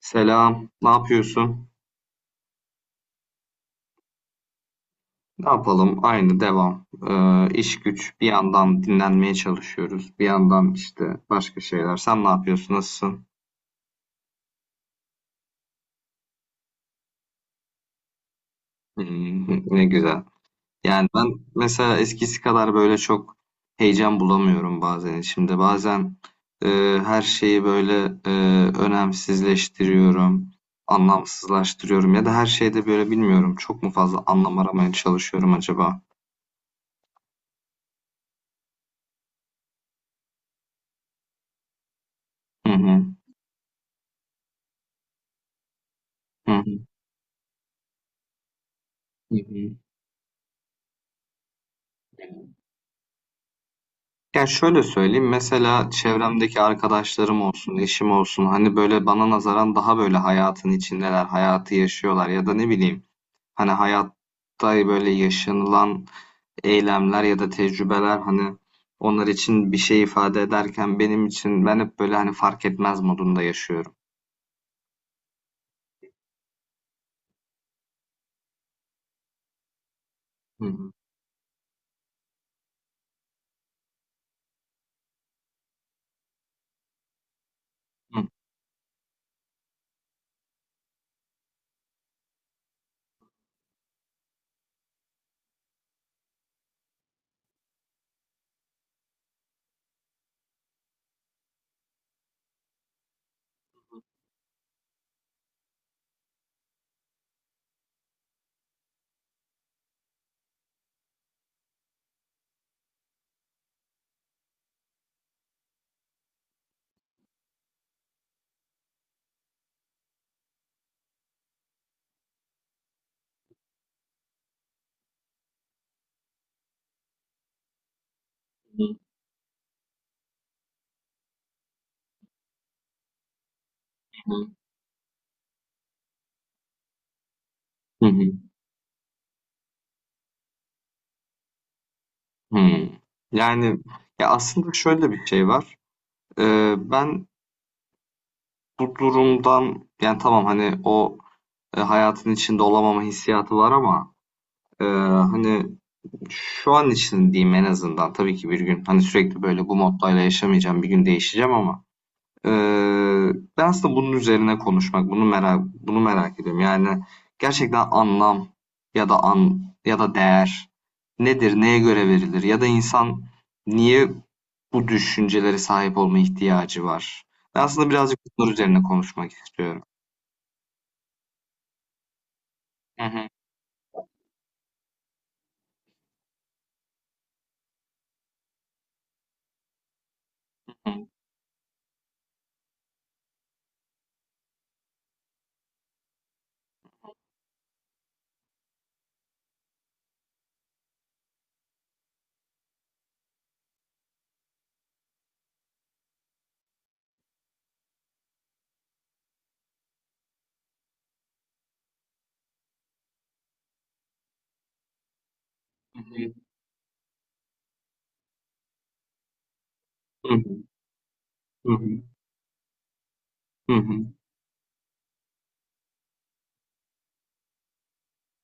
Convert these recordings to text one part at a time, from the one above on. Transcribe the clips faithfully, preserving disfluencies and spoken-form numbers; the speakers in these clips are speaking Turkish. Selam, ne yapıyorsun? Ne yapalım? Aynı devam. Ee, iş güç. Bir yandan dinlenmeye çalışıyoruz. Bir yandan işte başka şeyler. Sen ne yapıyorsun? Nasılsın? Hmm, ne güzel. Yani ben mesela eskisi kadar böyle çok heyecan bulamıyorum bazen içimde. Bazen e, her şeyi böyle e, önemsizleştiriyorum, anlamsızlaştırıyorum ya da her şeyde böyle bilmiyorum. Çok mu fazla anlam aramaya çalışıyorum acaba? Hı hı, hı hı, hı hı. Ya şöyle söyleyeyim mesela çevremdeki arkadaşlarım olsun, eşim olsun hani böyle bana nazaran daha böyle hayatın içindeler, hayatı yaşıyorlar ya da ne bileyim hani hayatta böyle yaşanılan eylemler ya da tecrübeler hani onlar için bir şey ifade ederken benim için ben hep böyle hani fark etmez modunda yaşıyorum. Hı hı. Hı. Hı hı. Hmm. Yani ya aslında şöyle bir şey var. Ee, ben bu durumdan yani tamam hani o e, hayatın içinde olamama hissiyatı var ama e, hani şu an için diyeyim en azından. Tabii ki bir gün hani sürekli böyle bu moddayla yaşamayacağım. Bir gün değişeceğim ama e, ben aslında bunun üzerine konuşmak, bunu merak bunu merak ediyorum. Yani gerçekten anlam ya da an ya da değer nedir, neye göre verilir ya da insan niye bu düşüncelere sahip olma ihtiyacı var? Ben aslında birazcık bunlar üzerine konuşmak istiyorum. Hı hı, hı hı, hı hı, hı hı. Hı hı.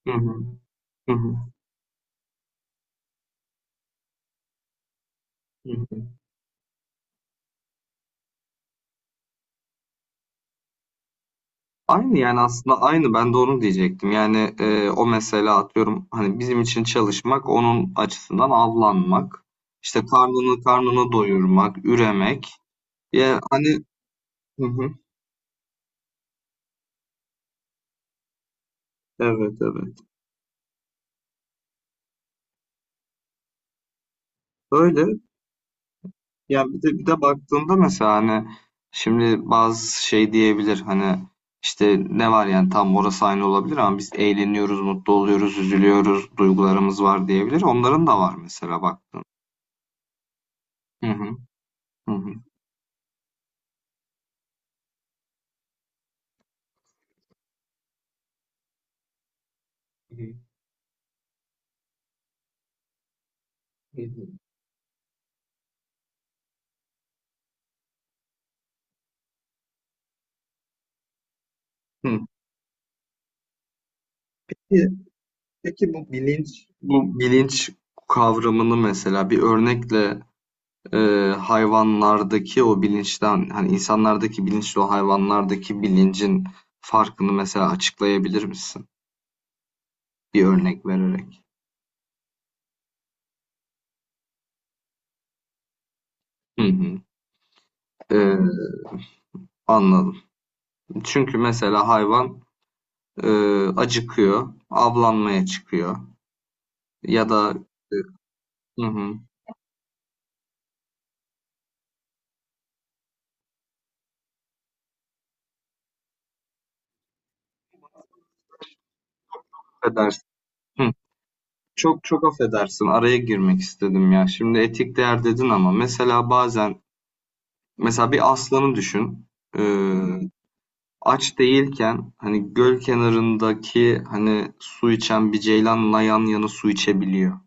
Hı hı. Hı hı. Hı hı. Aynı, yani, aslında aynı. Ben de onu diyecektim. Yani, eee, o mesela atıyorum, hani, bizim için çalışmak, onun açısından avlanmak, işte, karnını karnını doyurmak, üremek. Ya, hani. Hı hı. Evet, evet. Öyle. Ya, bir de bir de baktığında mesela, hani, şimdi bazı şey diyebilir, hani, işte, ne var, yani, tam orası aynı olabilir ama biz eğleniyoruz, mutlu oluyoruz, üzülüyoruz, duygularımız var diyebilir. Onların da var mesela baktığında. Hı hı. Hı hı. Hı hı. Hı. Peki peki bu bilinç bu bilinç kavramını mesela bir örnekle e, hayvanlardaki o bilinçten hani insanlardaki bilinçle o hayvanlardaki bilincin farkını mesela açıklayabilir misin? Bir örnek vererek. Hı hı. E, Anladım. Çünkü mesela hayvan e, acıkıyor, avlanmaya çıkıyor ya da e, hı hı, affedersin. Çok çok affedersin araya girmek istedim ya. Şimdi etik değer dedin ama mesela bazen mesela bir aslanı düşün. Ee, Aç değilken hani göl kenarındaki hani su içen bir ceylanla yan yana su içebiliyor.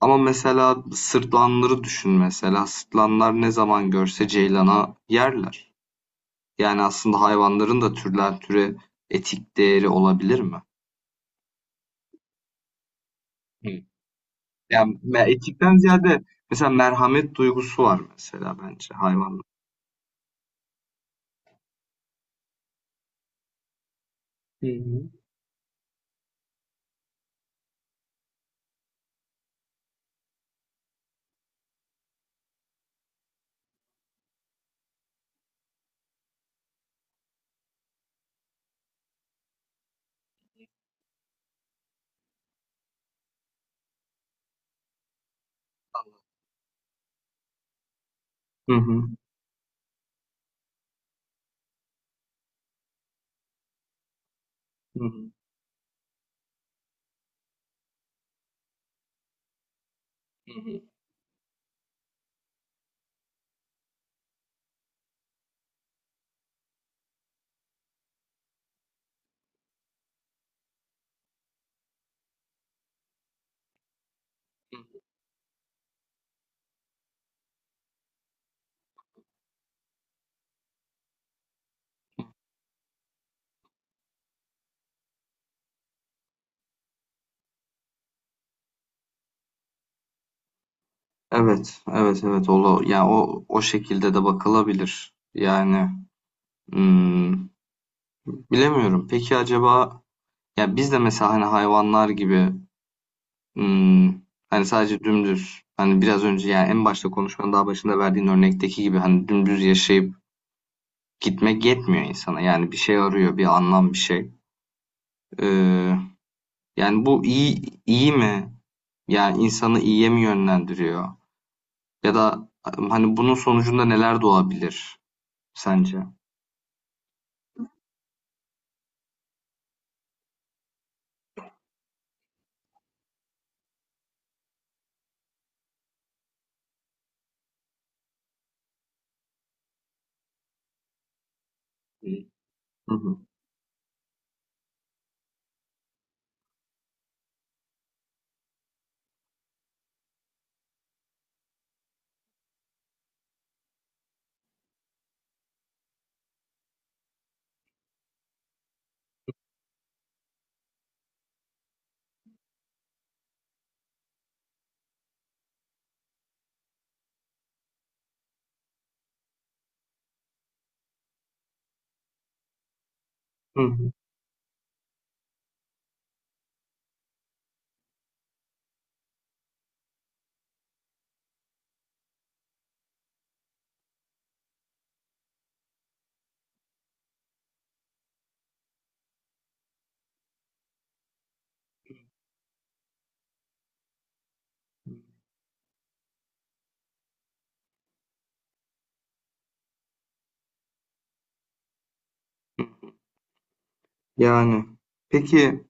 Ama mesela sırtlanları düşün mesela. Sırtlanlar ne zaman görse ceylana yerler. Yani aslında hayvanların da türden türe etik değeri olabilir mi? Yani me- etikten ziyade mesela merhamet duygusu var mesela bence hayvanla. Hı. Hı hı. Hı hı. Hı hı. Hı. Evet, evet, evet. O, yani o o şekilde de bakılabilir. Yani hmm, bilemiyorum. Peki acaba ya biz de mesela hani hayvanlar gibi hmm, hani sadece dümdüz hani biraz önce yani en başta konuşmanın daha başında verdiğin örnekteki gibi hani dümdüz yaşayıp gitmek yetmiyor insana. Yani bir şey arıyor, bir anlam, bir şey. Ee, Yani bu iyi iyi mi? Yani insanı iyiye mi yönlendiriyor? Ya da hani bunun sonucunda neler doğabilir sence? Hı hı. Hı hı. Yani peki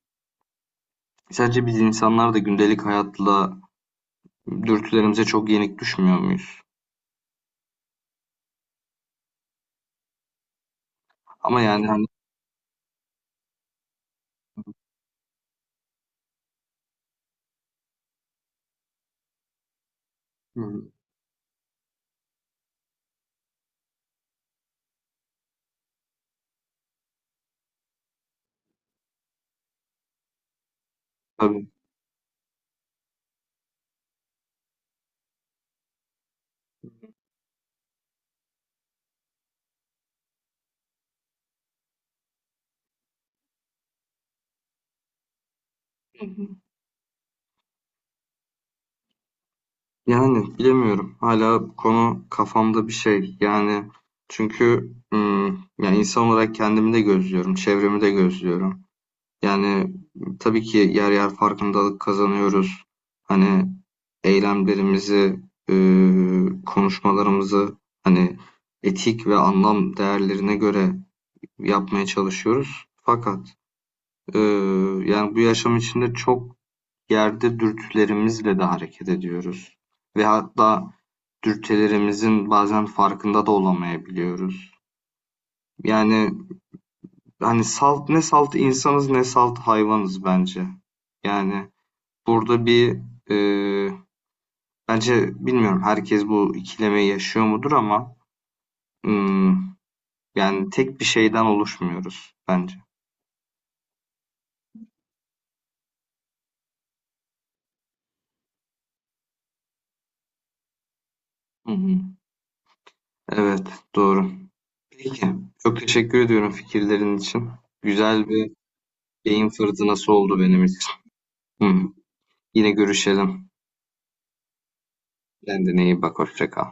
sence biz insanlar da gündelik hayatla dürtülerimize çok yenik düşmüyor muyuz? Ama yani hani. Hı hı. Tabii. Hı hı. Yani bilemiyorum. Hala bu konu kafamda bir şey. Yani çünkü hmm, yani insan olarak kendimi de gözlüyorum, çevremi de gözlüyorum. Yani tabii ki yer yer farkındalık kazanıyoruz. Hani eylemlerimizi, eee, konuşmalarımızı hani etik ve anlam değerlerine göre yapmaya çalışıyoruz. Fakat eee, yani bu yaşam içinde çok yerde dürtülerimizle de hareket ediyoruz. Ve hatta dürtülerimizin bazen farkında da olamayabiliyoruz. Yani hani salt ne salt insanız ne salt hayvanız bence. Yani burada bir, eee, bence bilmiyorum herkes bu ikilemeyi yaşıyor mudur ama hmm, yani tek bir şeyden oluşmuyoruz bence. Hı hı. Evet, doğru. Peki, çok teşekkür ediyorum fikirlerin için. Güzel bir beyin fırtınası oldu benim için. Hı. Yine görüşelim. Kendine iyi bak, hoşça kal.